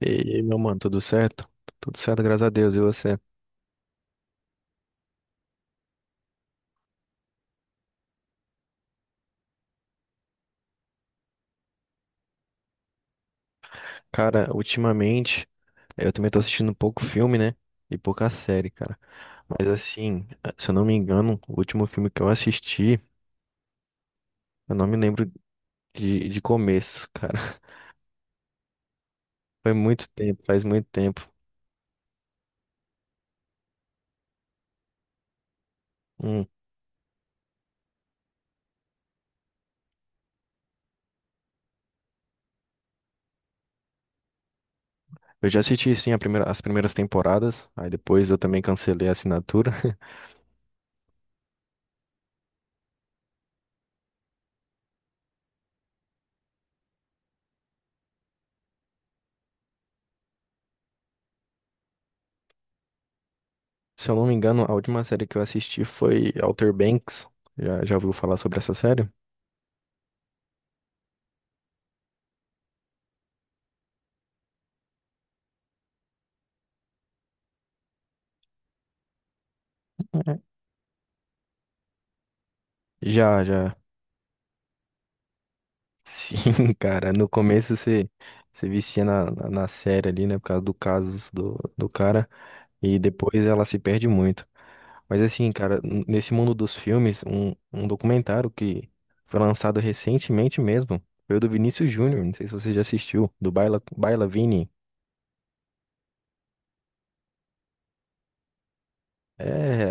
E aí, meu mano, tudo certo? Tudo certo, graças a Deus. E você? Cara, ultimamente eu também tô assistindo pouco filme, né? E pouca série, cara. Mas assim, se eu não me engano, o último filme que eu assisti, eu não me lembro de começo, cara. Foi muito tempo, faz muito tempo. Hum. Eu já assisti, sim, as primeiras temporadas. Aí depois eu também cancelei a assinatura. Se eu não me engano, a última série que eu assisti foi Outer Banks. Já, já ouviu falar sobre essa série? É. Já, já. Sim, cara, no começo você vicia na série ali, né, por causa do caso do cara, e depois ela se perde muito. Mas assim, cara, nesse mundo dos filmes, um documentário que foi lançado recentemente mesmo, foi o do Vinícius Júnior, não sei se você já assistiu, do Baila, Baila Vini. É,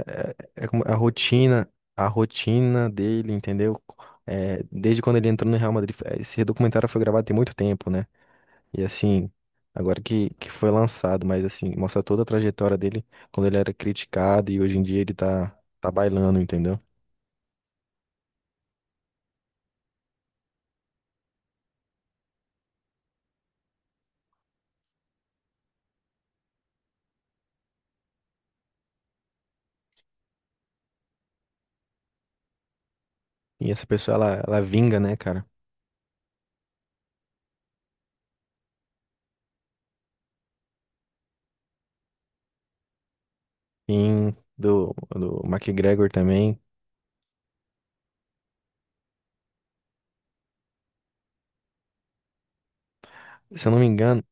é, é como a rotina dele, entendeu? É, desde quando ele entrou no Real Madrid, esse documentário foi gravado tem muito tempo, né? E assim, agora que foi lançado, mas assim, mostra toda a trajetória dele quando ele era criticado e hoje em dia ele tá, tá bailando, entendeu? E essa pessoa, ela vinga, né, cara? Em do McGregor também, se eu não me engano,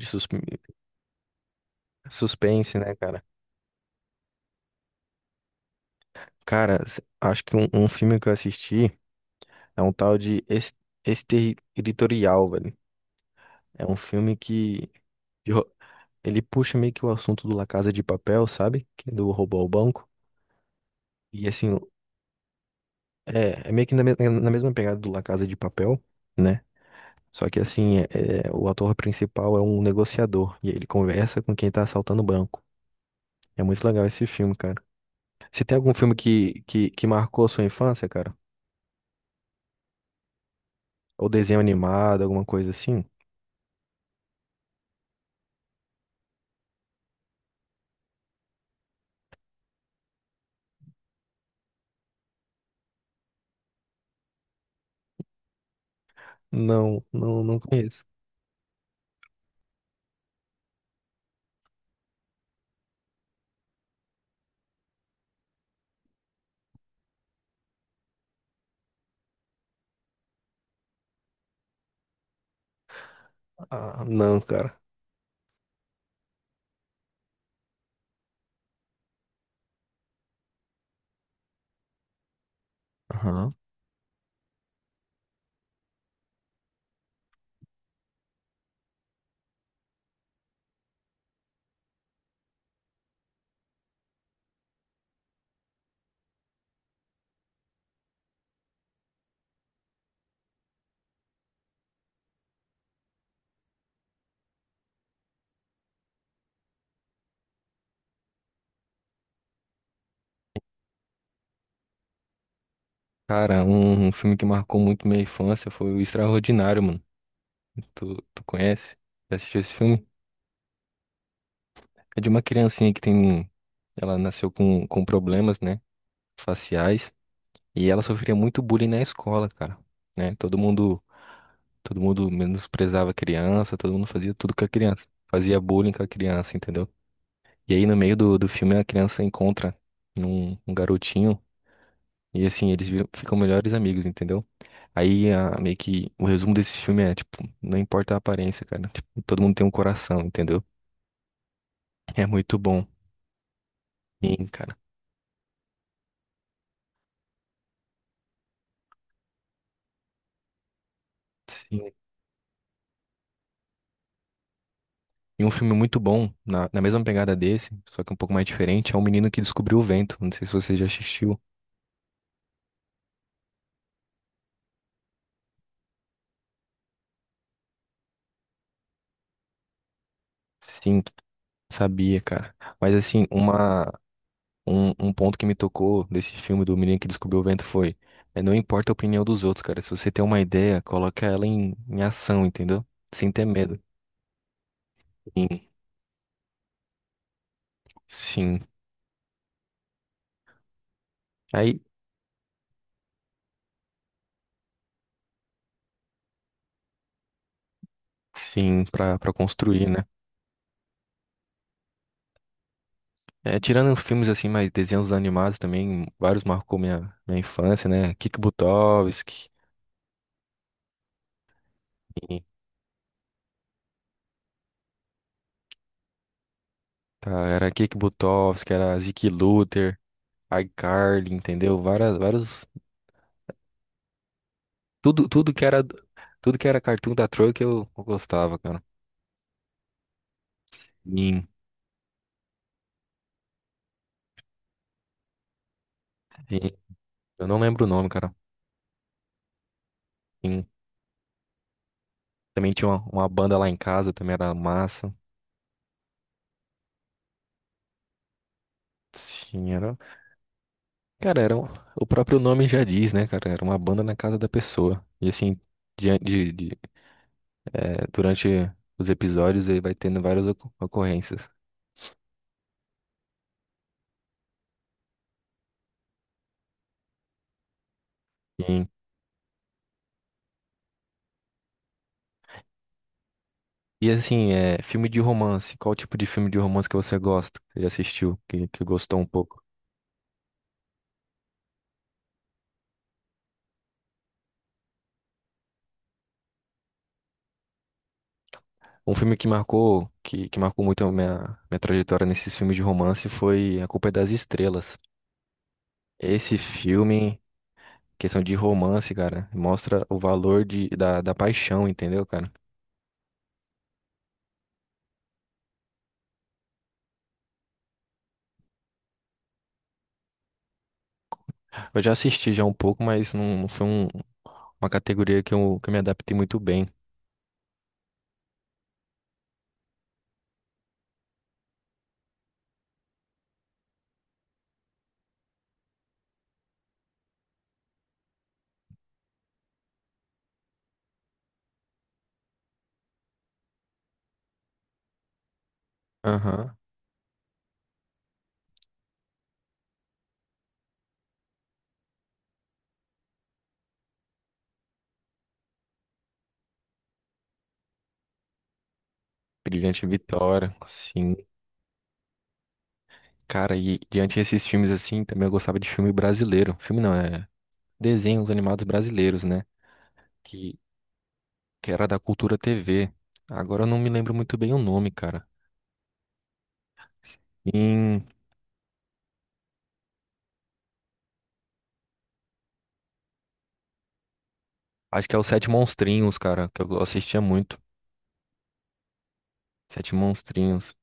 de sus- suspense, né, cara? Cara, acho que um filme que eu assisti é um tal de Exterritorial, velho. É um filme que de ro- ele puxa meio que o assunto do La Casa de Papel, sabe? Que é do roubo ao banco. E assim, é meio que na mesma pegada do La Casa de Papel, né? Só que assim, é, o ator principal é um negociador e ele conversa com quem tá assaltando o banco. É muito legal esse filme, cara. Você tem algum filme que marcou a sua infância, cara? Ou desenho animado, alguma coisa assim? Não, não, não conheço. Ah, não, cara. Aham. Cara, um filme que marcou muito minha infância foi o Extraordinário, mano. Tu conhece? Já assistiu esse filme? É de uma criancinha que tem. Ela nasceu com problemas, né? Faciais, e ela sofria muito bullying na escola, cara, né? Todo mundo menosprezava a criança, todo mundo fazia tudo com a criança, fazia bullying com a criança, entendeu? E aí no meio do filme a criança encontra um garotinho e assim ficam melhores amigos, entendeu? Meio que o resumo desse filme é tipo, não importa a aparência, cara, tipo, todo mundo tem um coração, entendeu? É muito bom. Sim, cara. E um filme muito bom, na mesma pegada desse, só que um pouco mais diferente, é O Menino que Descobriu o Vento. Não sei se você já assistiu. Sim, sabia, cara. Mas assim, um ponto que me tocou desse filme do Menino que Descobriu o Vento foi, é, não importa a opinião dos outros, cara. Se você tem uma ideia, coloca ela em ação, entendeu? Sem ter medo. Sim, sim. Aí, sim, pra construir, né? É, tirando filmes assim, mais desenhos animados também, vários marcou minha infância, né? Kik Butovski. Tá, era Kick Buttowski, era Zeke Luther, iCarly, entendeu? Várias, vários, tudo, tudo que era, tudo que era cartoon da Troy que eu gostava, cara. Sim, sim. Eu não lembro o nome, cara. Sim. Também tinha uma banda lá em casa, também era massa. Sim, era. Cara, o próprio nome já diz, né, cara? Era uma banda na casa da pessoa. E assim, de, de, de- durante os episódios aí vai tendo várias ocorrências. E assim, é, filme de romance. Qual tipo de filme de romance que você gosta? Que já assistiu, que gostou um pouco? Um filme que marcou, que marcou muito a minha trajetória nesses filmes de romance foi A Culpa é das Estrelas. Esse filme, questão de romance, cara, mostra o valor da paixão, entendeu, cara? Eu já assisti já um pouco, mas não, uma categoria que que eu me adaptei muito bem. Aham. Brilhante Vitória, sim. Cara, e diante desses filmes assim, também eu gostava de filme brasileiro. Filme não, é desenhos animados brasileiros, né? Que, que era da Cultura TV. Agora eu não me lembro muito bem o nome, cara. Sim, acho que é o Sete Monstrinhos, cara, que eu assistia muito. Sete Monstrinhos.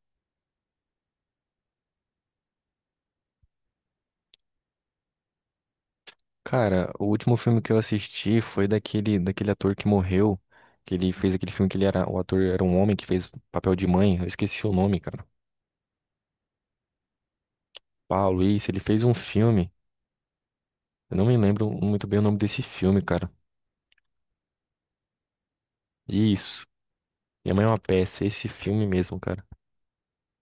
Cara, o último filme que eu assisti foi daquele ator que morreu, que ele fez aquele filme que ele era, o ator era um homem que fez papel de mãe, eu esqueci o nome, cara. Paulo, isso, ele fez um filme, eu não me lembro muito bem o nome desse filme, cara. Isso, Minha Mãe é uma Peça, esse filme mesmo, cara.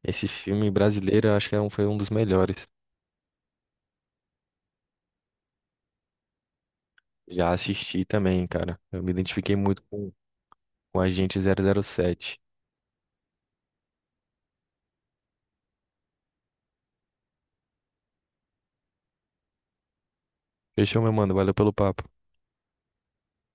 Esse filme brasileiro, eu acho que foi um dos melhores. Já assisti também, cara. Eu me identifiquei muito com Agente 007. Fechou, meu mano. Valeu pelo papo.